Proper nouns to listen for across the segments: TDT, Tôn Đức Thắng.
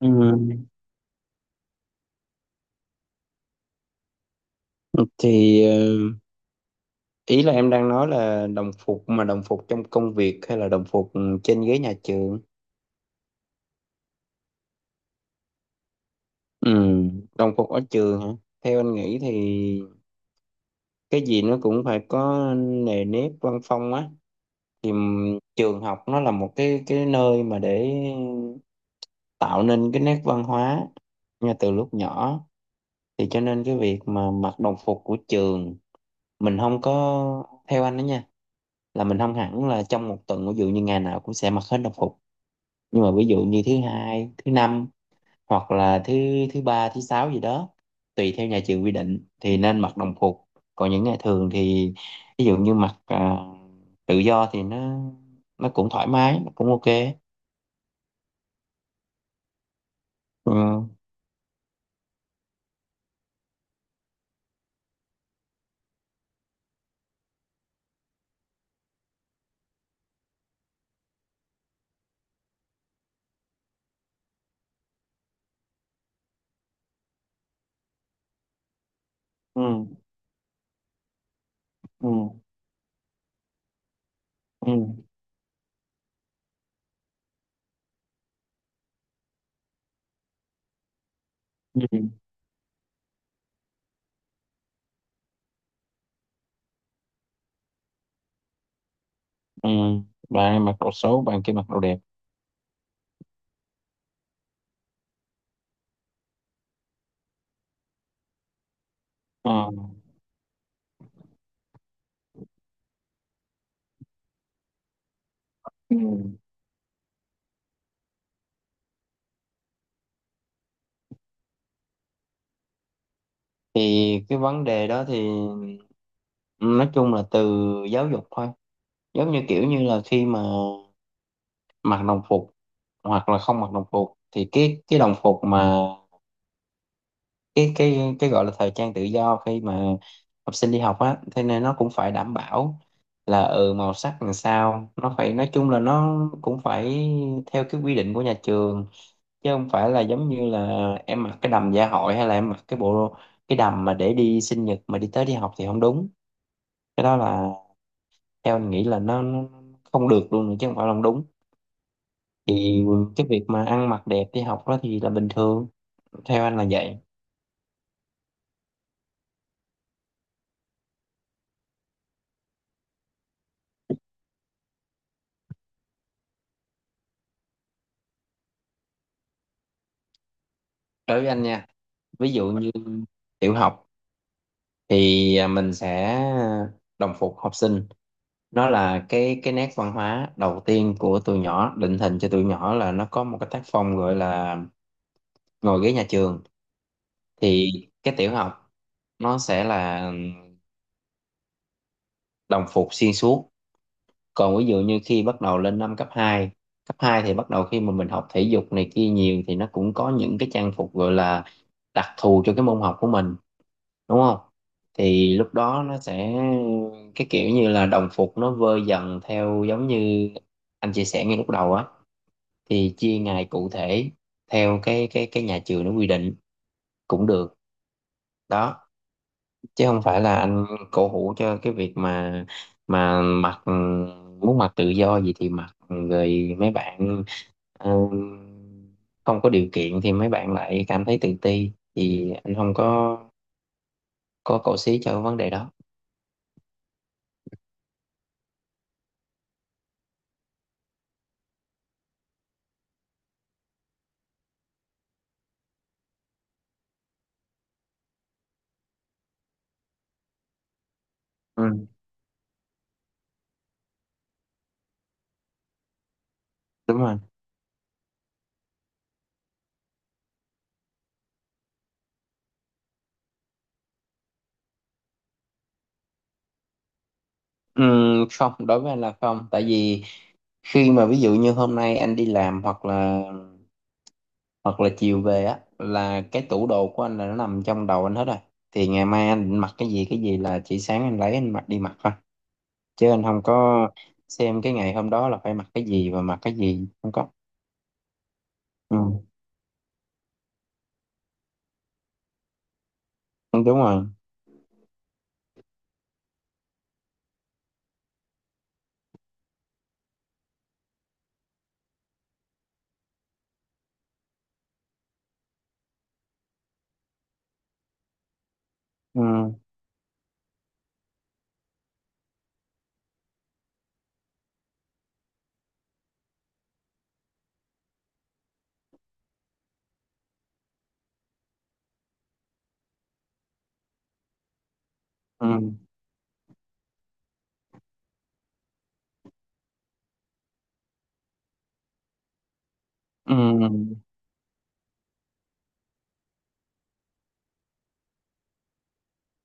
Ừ. Thì ờ, ý là em đang nói là đồng phục mà đồng phục trong công việc hay là đồng phục trên ghế nhà trường? Ừ, đồng phục ở trường hả? Theo anh nghĩ thì cái gì nó cũng phải có nề nếp văn phong á. Trường học nó là một cái nơi mà để tạo nên cái nét văn hóa ngay từ lúc nhỏ. Thì cho nên cái việc mà mặc đồng phục của trường mình, không có theo anh đó nha, là mình không hẳn là trong một tuần ví dụ như ngày nào cũng sẽ mặc hết đồng phục, nhưng mà ví dụ như thứ hai thứ năm hoặc là thứ thứ ba thứ sáu gì đó tùy theo nhà trường quy định thì nên mặc đồng phục, còn những ngày thường thì ví dụ như tự do thì nó cũng thoải mái, nó cũng ok. Ừ. Ừ. Ừ. Ừ. Ừ. Ừ. Bạn em mặc đồ xấu bạn kia mặc đồ đẹp. Ừ. Ừ. Thì cái vấn đề đó thì nói chung là từ giáo dục thôi. Giống như kiểu như là khi mà mặc đồng phục hoặc là không mặc đồng phục, thì cái đồng phục mà cái gọi là thời trang tự do khi mà học sinh đi học á, thế nên nó cũng phải đảm bảo là, ừ, màu sắc làm sao, nó phải nói chung là nó cũng phải theo cái quy định của nhà trường, chứ không phải là giống như là em mặc cái đầm dạ hội, hay là em mặc cái bộ cái đầm mà để đi sinh nhật mà đi tới đi học thì không đúng. Cái đó là, theo anh nghĩ là nó không được luôn nữa chứ không phải là không đúng. Thì cái việc mà ăn mặc đẹp đi học đó thì là bình thường, theo anh là vậy. Đối với anh nha, ví dụ như tiểu học thì mình sẽ đồng phục học sinh. Nó là cái nét văn hóa đầu tiên của tụi nhỏ, định hình cho tụi nhỏ là nó có một cái tác phong gọi là ngồi ghế nhà trường. Thì cái tiểu học nó sẽ là đồng phục xuyên suốt. Còn ví dụ như khi bắt đầu lên năm cấp 2 thì bắt đầu khi mà mình học thể dục này kia nhiều thì nó cũng có những cái trang phục gọi là đặc thù cho cái môn học của mình, đúng không? Thì lúc đó nó sẽ cái kiểu như là đồng phục nó vơi dần theo, giống như anh chia sẻ ngay lúc đầu á, thì chia ngày cụ thể theo cái nhà trường nó quy định cũng được đó. Chứ không phải là anh cổ hủ cho cái việc mà mà mặc, muốn mặc tự do gì thì mặc, rồi mấy bạn, ừ, không có điều kiện thì mấy bạn lại cảm thấy tự ti, thì anh không có có cổ xí cho vấn đề đó. Ừ, đúng rồi. Ừ, không, đối với anh là không. Tại vì khi mà ví dụ như hôm nay anh đi làm, hoặc là chiều về á, là cái tủ đồ của anh là nó nằm trong đầu anh hết rồi. Thì ngày mai anh định mặc cái gì là chỉ sáng anh lấy anh mặc đi mặc thôi, chứ anh không có xem cái ngày hôm đó là phải mặc cái gì và mặc cái gì, không có. Ừ, đúng rồi. Ừ. Ừ. Ừ.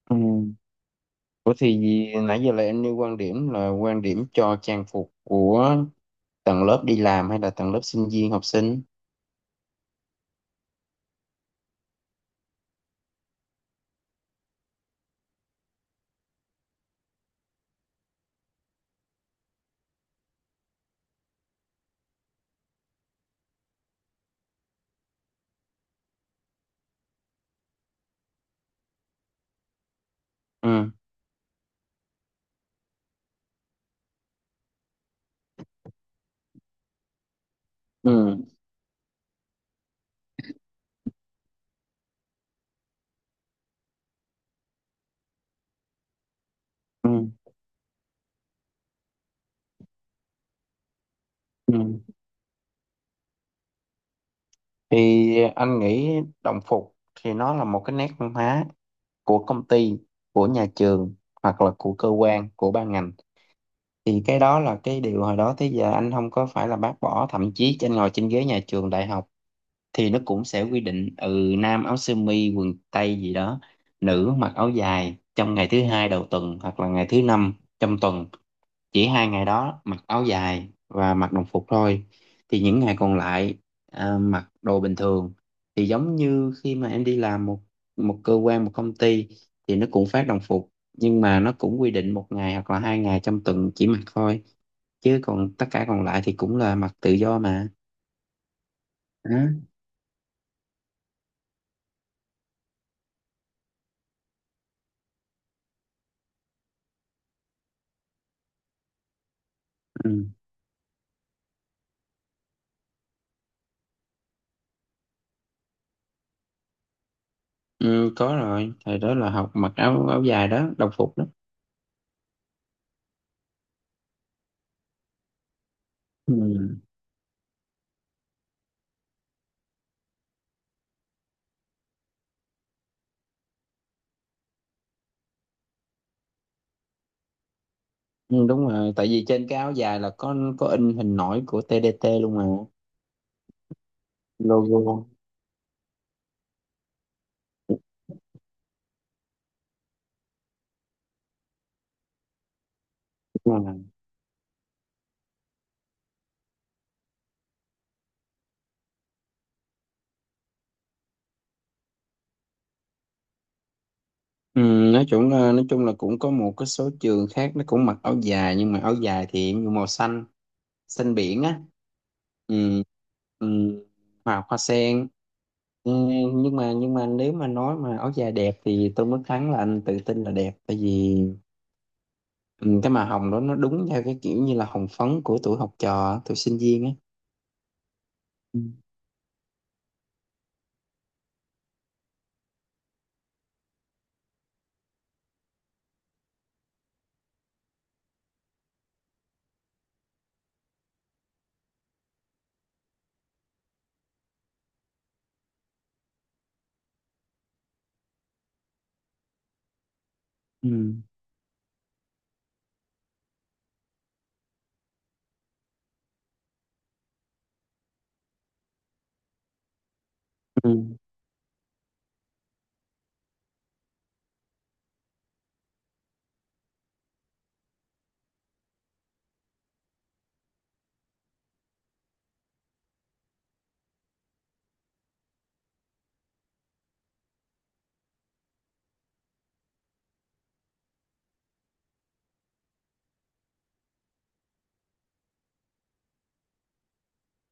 Ừ. Ủa thì nãy giờ là em nêu quan điểm là quan điểm cho trang phục của tầng lớp đi làm hay là tầng lớp sinh viên học sinh? Ừ. Ừ. Ừ. Ừ. Thì anh nghĩ đồng phục thì nó là một cái nét văn hóa của công ty, của nhà trường, hoặc là của cơ quan, của ban ngành. Thì cái đó là cái điều hồi đó tới giờ anh không có phải là bác bỏ. Thậm chí trên ngồi trên ghế nhà trường đại học thì nó cũng sẽ quy định, ừ, nam áo sơ mi quần tây gì đó, nữ mặc áo dài trong ngày thứ hai đầu tuần hoặc là ngày thứ năm trong tuần. Chỉ hai ngày đó mặc áo dài và mặc đồng phục thôi, thì những ngày còn lại mặc đồ bình thường. Thì giống như khi mà em đi làm một một cơ quan một công ty thì nó cũng phát đồng phục, nhưng mà nó cũng quy định một ngày hoặc là hai ngày trong tuần chỉ mặc thôi, chứ còn tất cả còn lại thì cũng là mặc tự do mà. Đó. Ừ. Ừ, có rồi, thời đó là học mặc áo áo dài đó, đồng phục đó. Ừ. Ừ, đúng rồi, tại vì trên cái áo dài là có in hình nổi của TDT luôn mà. Logo. Ừ. Ừ, nói chung là cũng có một cái số trường khác nó cũng mặc áo dài, nhưng mà áo dài thì em nhuộm màu xanh, xanh biển á. Ừ, ừ, hoa hoa sen. Ừ, nhưng mà nếu mà nói mà áo dài đẹp thì Tôn Đức Thắng là anh tự tin là đẹp. Tại vì, ừ, cái màu hồng đó nó đúng theo cái kiểu như là hồng phấn của tuổi học trò tuổi sinh viên á. Ừ. Ừ. Ừ.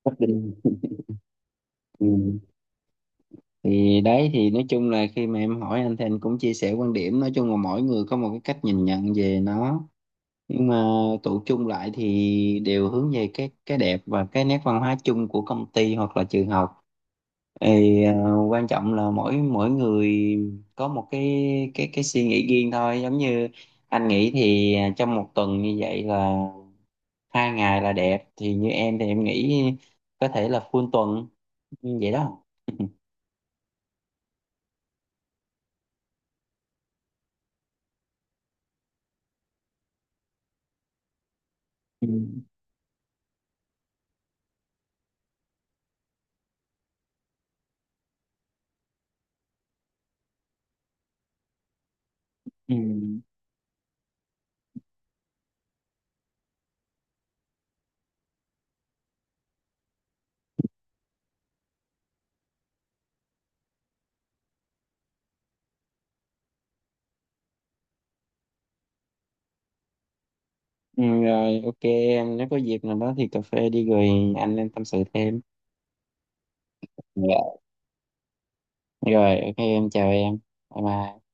Nhất định. Ừ. Thì đấy, thì nói chung là khi mà em hỏi anh thì anh cũng chia sẻ quan điểm. Nói chung là mỗi người có một cái cách nhìn nhận về nó, nhưng mà tụ chung lại thì đều hướng về cái đẹp và cái nét văn hóa chung của công ty hoặc là trường học. thì ờ, Quan trọng là mỗi mỗi người có một cái cái suy nghĩ riêng thôi. Giống như anh nghĩ thì trong một tuần như vậy là hai ngày là đẹp, thì như em thì em nghĩ có thể là full tuần như vậy đó. Ừ. Ừ. Ừ, rồi ok em, nếu có dịp nào đó thì cà phê đi rồi anh lên tâm sự thêm. Dạ. Rồi ok em, chào em, bye bye.